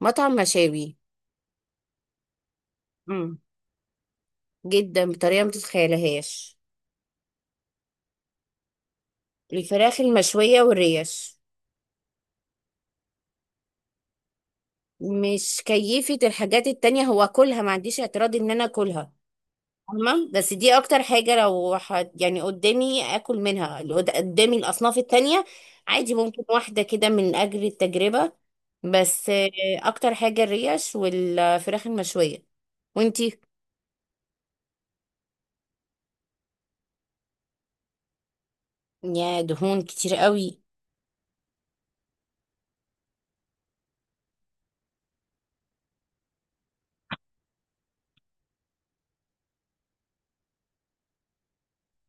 مطعم مشاوي. امم. جدا بطريقه ما تتخيلهاش. الفراخ المشويه والريش. مش كيفة الحاجات التانية، هو كلها ما عنديش اعتراض ان انا اكلها. فاهمة؟ بس دي اكتر حاجة، لو حد يعني قدامي اكل منها، اللي قدامي الاصناف التانية عادي، ممكن واحدة كده من اجل التجربة. بس آه، اكتر حاجة الريش والفراخ المشوية. وانتي؟ يا دهون كتير قوي.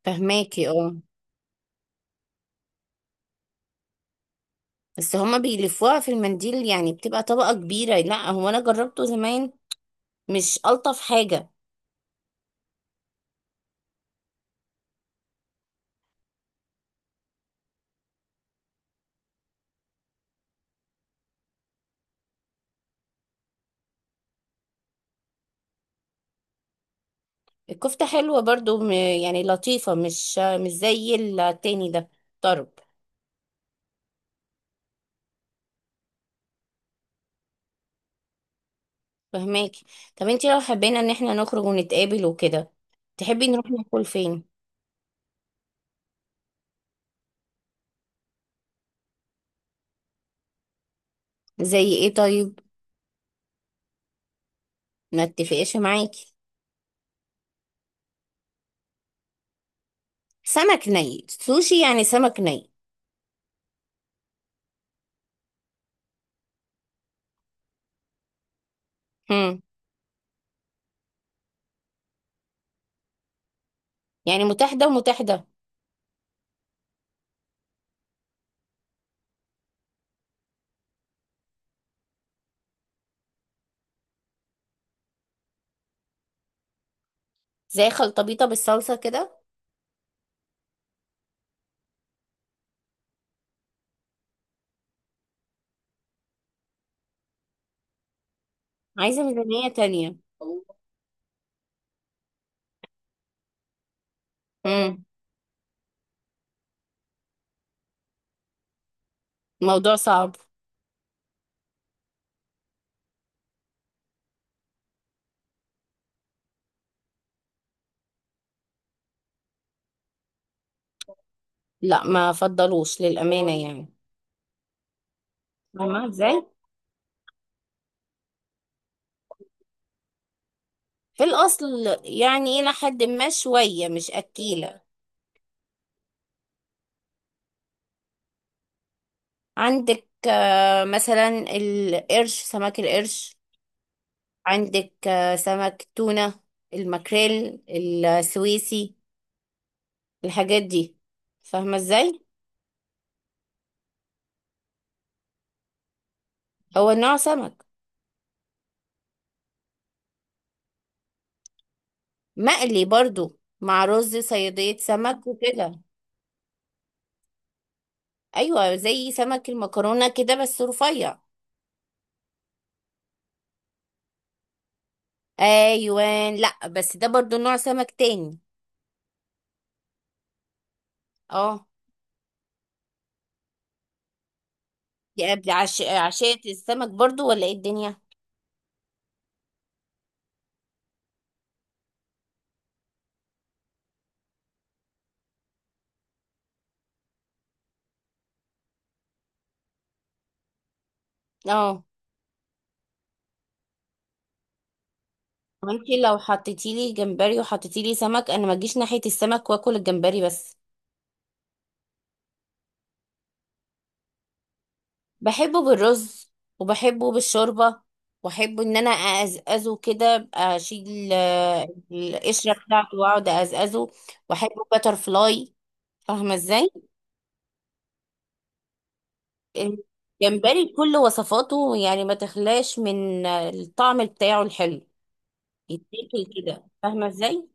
فهماكي اه. بس هما بيلفوها في المنديل يعني بتبقى طبقة كبيرة، لا هو أنا جربته زمان، مش ألطف حاجة. الكفتة حلوة برضو، يعني لطيفة، مش زي التاني ده، طرب. فهماكي. طب انتي لو حبينا ان احنا نخرج ونتقابل وكده، تحبي نروح ناكل فين؟ زي ايه طيب؟ ما اتفقش معاكي. سمك ني؟ سوشي يعني سمك ني. هم. يعني متاح ده ومتاح ده. زي خلطبيطة بالصلصة كده. عايزة ميزانية تانية. مم. موضوع صعب. لا ما فضلوش للأمانة يعني. فاهمة ازاي. في الأصل يعني إلى حد ما، شوية مش أكيلة. عندك آه، مثلا القرش، سمك القرش. عندك آه، سمك تونة، الماكريل السويسي، الحاجات دي. فاهمة ازاي. هو نوع سمك. مقلي برضو مع رز صيادية سمك وكده. أيوة زي سمك المكرونة كده بس رفيع. أيوان لأ، بس ده برضو نوع سمك تاني. اه. عشية السمك برضو ولا ايه الدنيا؟ اه. انت لو حطيتي لي جمبري وحطيتي لي سمك، انا ما اجيش ناحية السمك واكل الجمبري بس. بحبه بالرز، وبحبه بالشوربة، واحب ان انا اقزقزه كده، أبقى اشيل آه، القشرة بتاعته واقعد اقزقزه. واحبه باتر فلاي. فاهمة ازاي. الجمبري بكل وصفاته يعني ما تخلاش من الطعم بتاعه الحلو. يتاكل كده، فاهمة ازاي.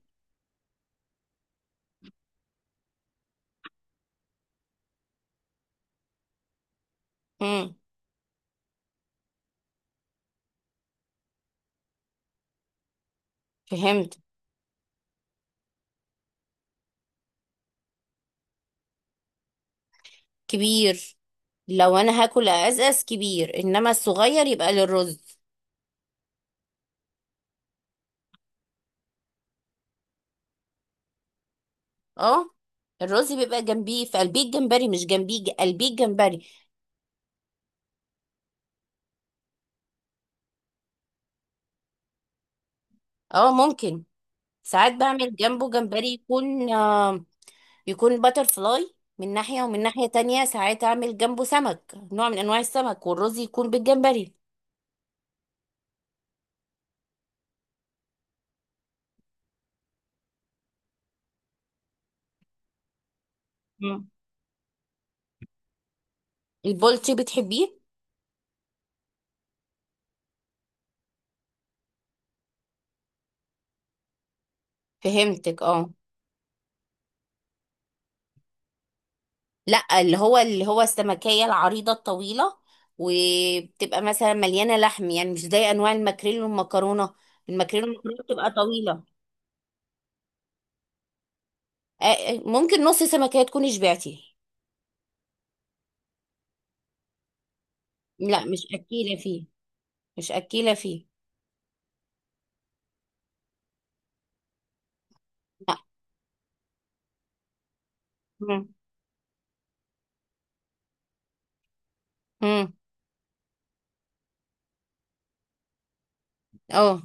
امم. فهمت. كبير. لو انا هاكل ازأز كبير، انما الصغير يبقى للرز. اه. الرز بيبقى جنبيه، في قلبيه الجمبري، مش جنبيه، قلبيه الجمبري. اه ممكن. ساعات بعمل جنبه جمبري يكون آه، يكون باتر فلاي من ناحية، ومن ناحية تانية ساعات اعمل جنبه سمك، نوع من انواع السمك، والرز يكون بالجمبري. مم. البولتي بتحبيه؟ فهمتك اه. لا اللي هو السمكية العريضة الطويلة، وبتبقى مثلا مليانة لحم، يعني مش زي انواع الماكريل والمكرونة. الماكريل والمكرونة بتبقى طويلة. آه، آه، ممكن نص سمكية تكوني شبعتي. لا مش اكيلة فيه، مش اكيلة فيه. لا. مم. مم. اه.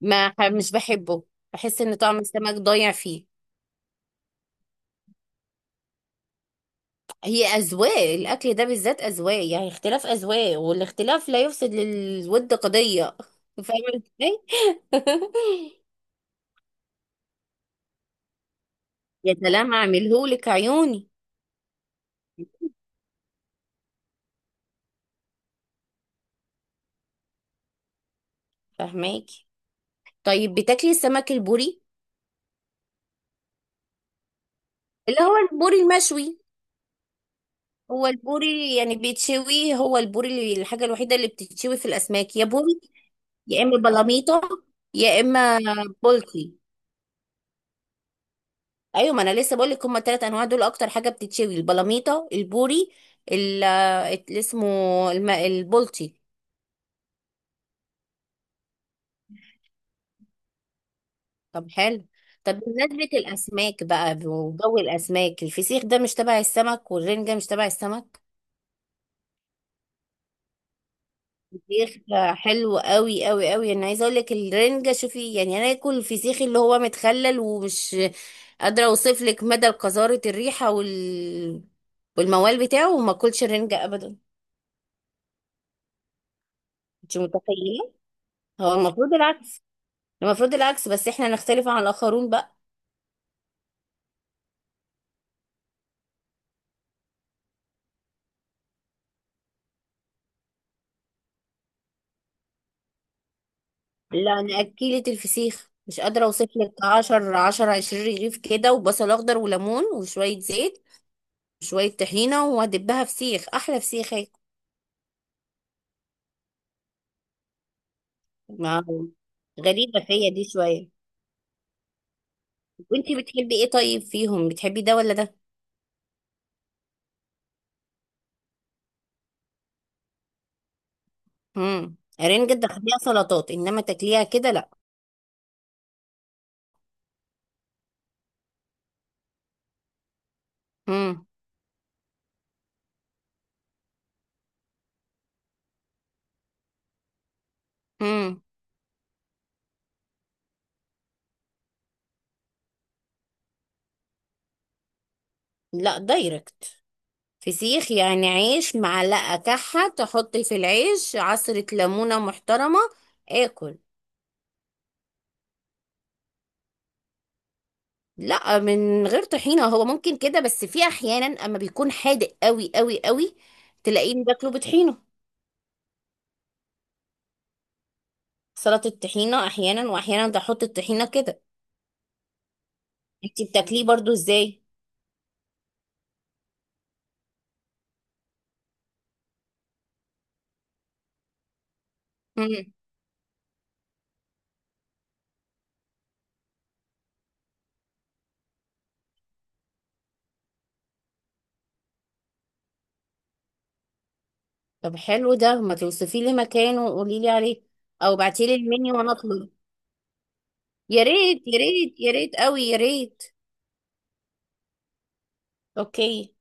ما ح- مش بحبه، بحس ان طعم السمك ضايع فيه. هي اذواق، الاكل ده بالذات اذواق، يعني اختلاف اذواق، والاختلاف لا يفسد للود قضية. فاهمة ازاي. يا سلام اعملهولك عيوني. فهماكي. طيب بتاكلي السمك البوري؟ اللي هو البوري المشوي. هو البوري يعني بيتشوي، هو البوري اللي الحاجة الوحيدة اللي بتتشوي في الأسماك يا بوري، يا إما بلاميطة، يا إما بولتي. أيوة، ما أنا لسه بقول لك هما التلات أنواع دول أكتر حاجة بتتشوي، البلاميطة، البوري، اللي اسمه البولتي. طب حلو. طب بمناسبة الأسماك بقى وجو الأسماك، الفسيخ ده مش تبع السمك؟ والرنجة مش تبع السمك؟ فسيخ حلو قوي قوي قوي. انا عايزه اقول لك الرنجه، شوفي يعني، انا اكل الفسيخ اللي هو متخلل، ومش قادره اوصف لك مدى قذاره الريحه وال، والموال بتاعه، وما اكلش الرنجه ابدا. انت متخيله؟ هو المفروض العكس، المفروض العكس، بس احنا نختلف عن الاخرون بقى. لا انا اكلت الفسيخ، مش قادره اوصف لك، 10 10 20 رغيف كده وبصل اخضر وليمون وشويه زيت وشويه طحينه وهدبها فسيخ، احلى فسيخ هيك. ما غريبة فيا دي شوية. وانتي بتحبي ايه طيب فيهم، بتحبي ده ولا ده؟ امم. رنجة تاخديها سلطات، انما تاكليها كده لا. امم. امم. لا دايركت. فسيخ يعني عيش، معلقة كحة تحطي في العيش، عصرة ليمونة محترمة، اكل. لا من غير طحينة، هو ممكن كده، بس في احيانا اما بيكون حادق قوي قوي قوي تلاقيه باكله بطحينة. سلطة الطحينة احيانا، واحيانا بحط الطحينة كده. انتي بتاكليه برضو ازاي؟ طب حلو ده، ما توصفي لي مكانه وقولي لي عليه، او ابعتي لي المنيو وانا اطلب. يا ريت يا ريت يا ريت قوي يا ريت. اوكي.